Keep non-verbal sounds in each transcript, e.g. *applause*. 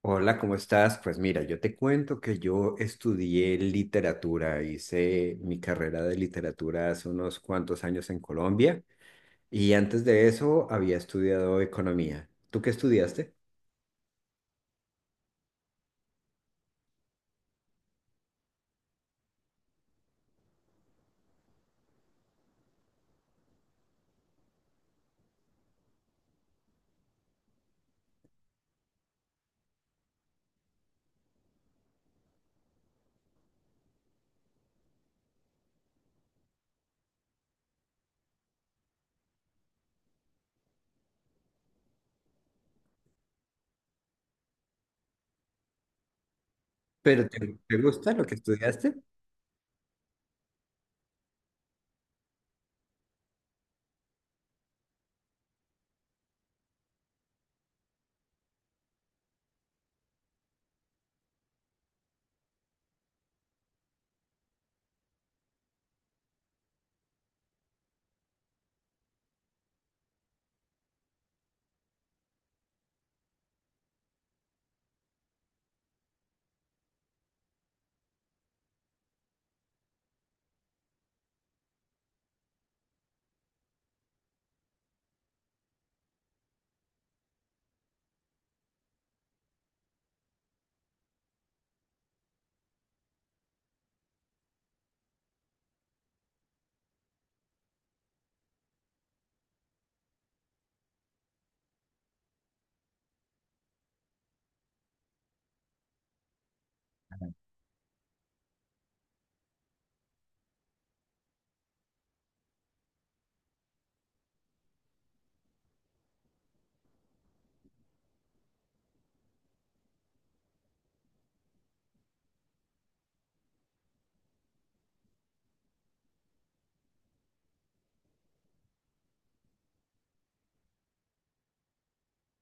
Hola, ¿cómo estás? Pues mira, yo te cuento que yo estudié literatura, hice mi carrera de literatura hace unos cuantos años en Colombia y antes de eso había estudiado economía. ¿Tú qué estudiaste? ¿Pero te gusta lo que estudiaste?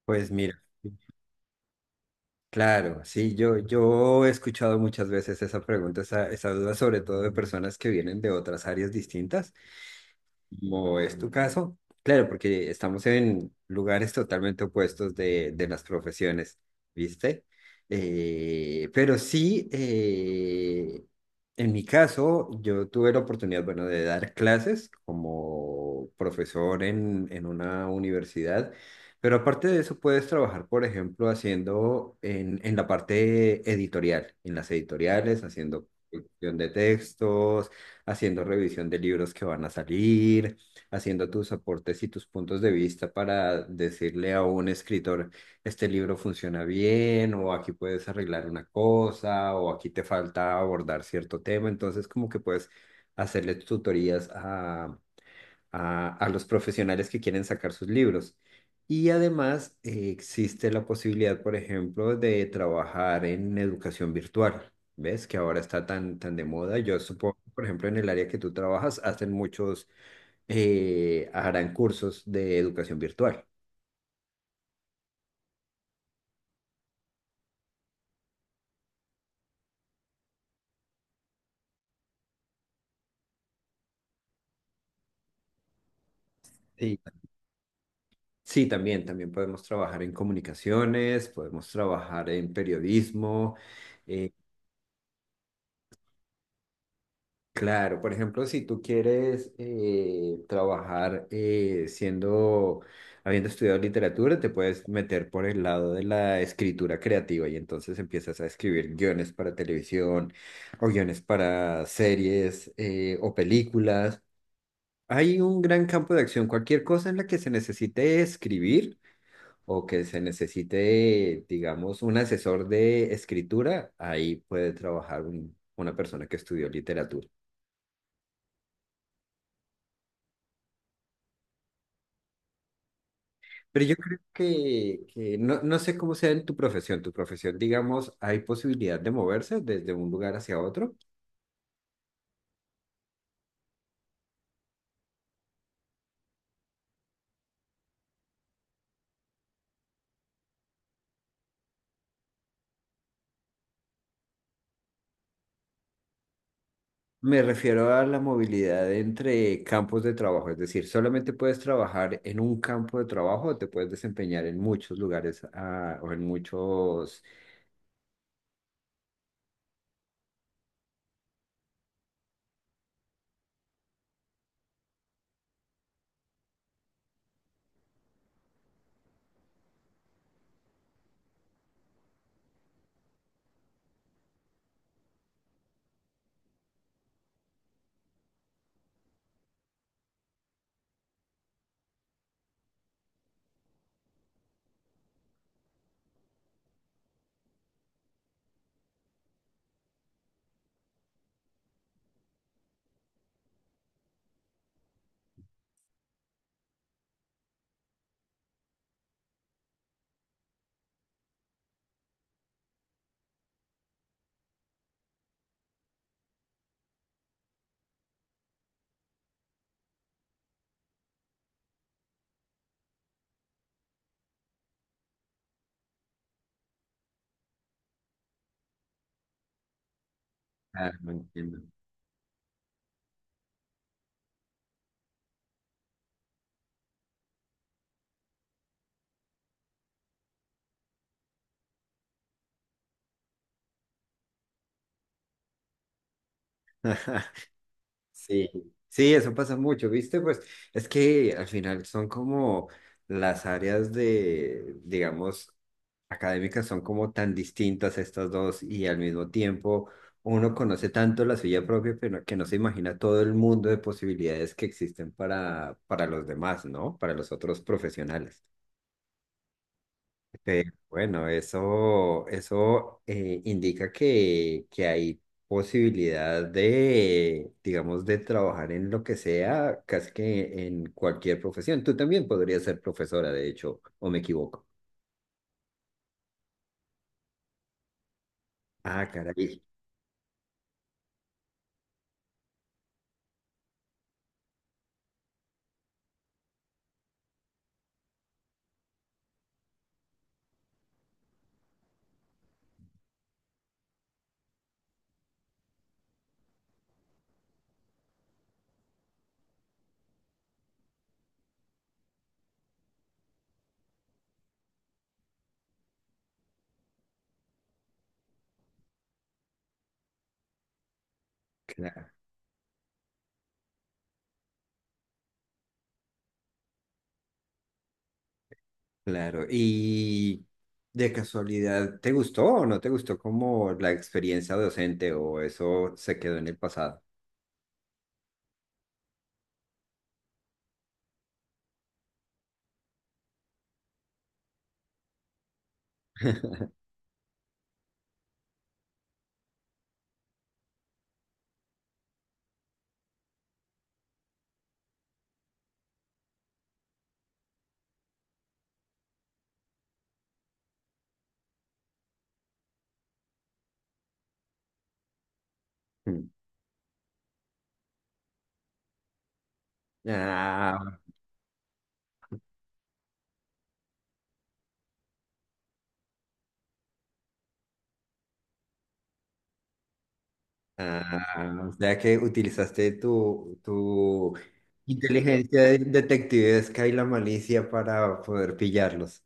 Pues mira, claro, sí, yo he escuchado muchas veces esa pregunta, esa duda, sobre todo de personas que vienen de otras áreas distintas. Como es tu caso, claro, porque estamos en lugares totalmente opuestos de las profesiones, ¿viste? Pero sí, en mi caso, yo tuve la oportunidad, bueno, de dar clases como profesor en una universidad, pero aparte de eso puedes trabajar, por ejemplo, haciendo en la parte editorial, en las editoriales, haciendo producción de textos, haciendo revisión de libros que van a salir, haciendo tus aportes y tus puntos de vista para decirle a un escritor, este libro funciona bien, o aquí puedes arreglar una cosa, o aquí te falta abordar cierto tema. Entonces, como que puedes hacerle tutorías a los profesionales que quieren sacar sus libros. Y además existe la posibilidad, por ejemplo, de trabajar en educación virtual, ¿ves? Que ahora está tan, tan de moda. Yo supongo, por ejemplo, en el área que tú trabajas, hacen muchos, harán cursos de educación virtual. Sí. Sí, también, también podemos trabajar en comunicaciones, podemos trabajar en periodismo. Claro, por ejemplo, si tú quieres trabajar, habiendo estudiado literatura, te puedes meter por el lado de la escritura creativa y entonces empiezas a escribir guiones para televisión o guiones para series, o películas. Hay un gran campo de acción, cualquier cosa en la que se necesite escribir o que se necesite, digamos, un asesor de escritura, ahí puede trabajar una persona que estudió literatura. Pero yo creo que no, no sé cómo sea en tu profesión. Tu profesión, digamos, hay posibilidad de moverse desde un lugar hacia otro. Me refiero a la movilidad entre campos de trabajo, es decir, solamente puedes trabajar en un campo de trabajo o te puedes desempeñar en muchos lugares, ah, o en muchos... Ah, no entiendo. *laughs* Sí, sí, eso pasa mucho, ¿viste? Pues es que al final son como las áreas de, digamos, académicas son como tan distintas estas dos y al mismo tiempo uno conoce tanto la suya propia pero que no se imagina todo el mundo de posibilidades que existen para los demás, ¿no? Para los otros profesionales. Pero bueno, eso, indica que hay posibilidad de, digamos, de trabajar en lo que sea, casi que en cualquier profesión. Tú también podrías ser profesora, de hecho, o me equivoco. Ah, caray, claro, claro. ¿Y de casualidad, te gustó o no te gustó como la experiencia docente o eso se quedó en el pasado? Mm. Ah. Ah, o sea que utilizaste tu inteligencia detectivesca y la malicia para poder pillarlos.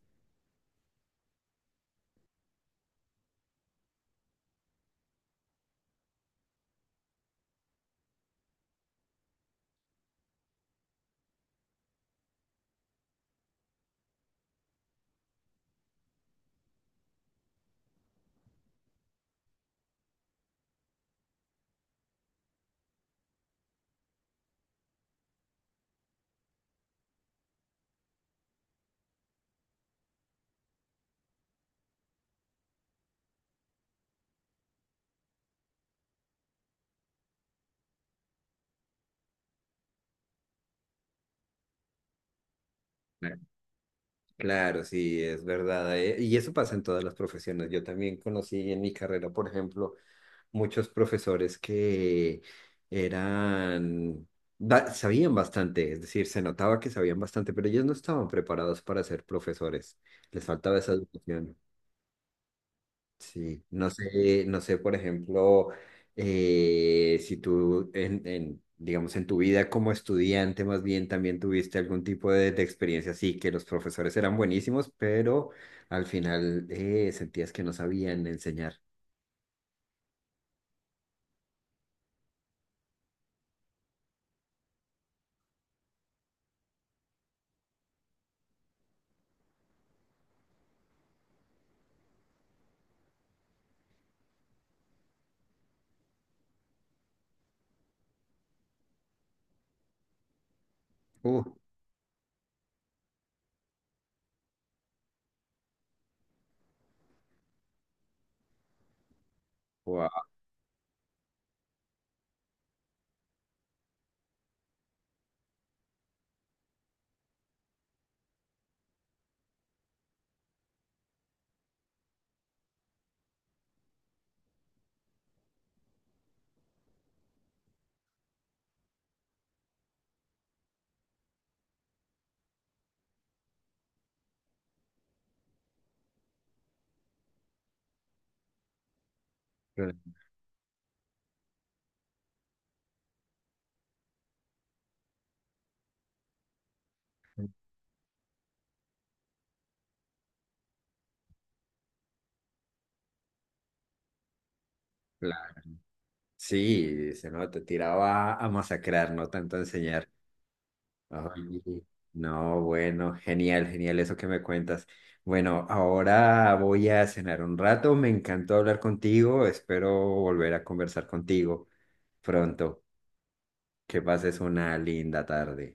Claro. Claro, sí, es verdad. Y eso pasa en todas las profesiones. Yo también conocí en mi carrera, por ejemplo, muchos profesores que eran, sabían bastante, es decir, se notaba que sabían bastante, pero ellos no estaban preparados para ser profesores. Les faltaba esa educación. Sí, no sé, no sé, por ejemplo, si tú, digamos, en tu vida como estudiante, más bien también tuviste algún tipo de experiencia así, que los profesores eran buenísimos, pero al final, sentías que no sabían enseñar. Uh, wow. Claro. Sí, se no, te tiraba a masacrar, no tanto a enseñar. Ay, sí. No, bueno, genial, genial eso que me cuentas. Bueno, ahora voy a cenar un rato. Me encantó hablar contigo. Espero volver a conversar contigo pronto. Que pases una linda tarde.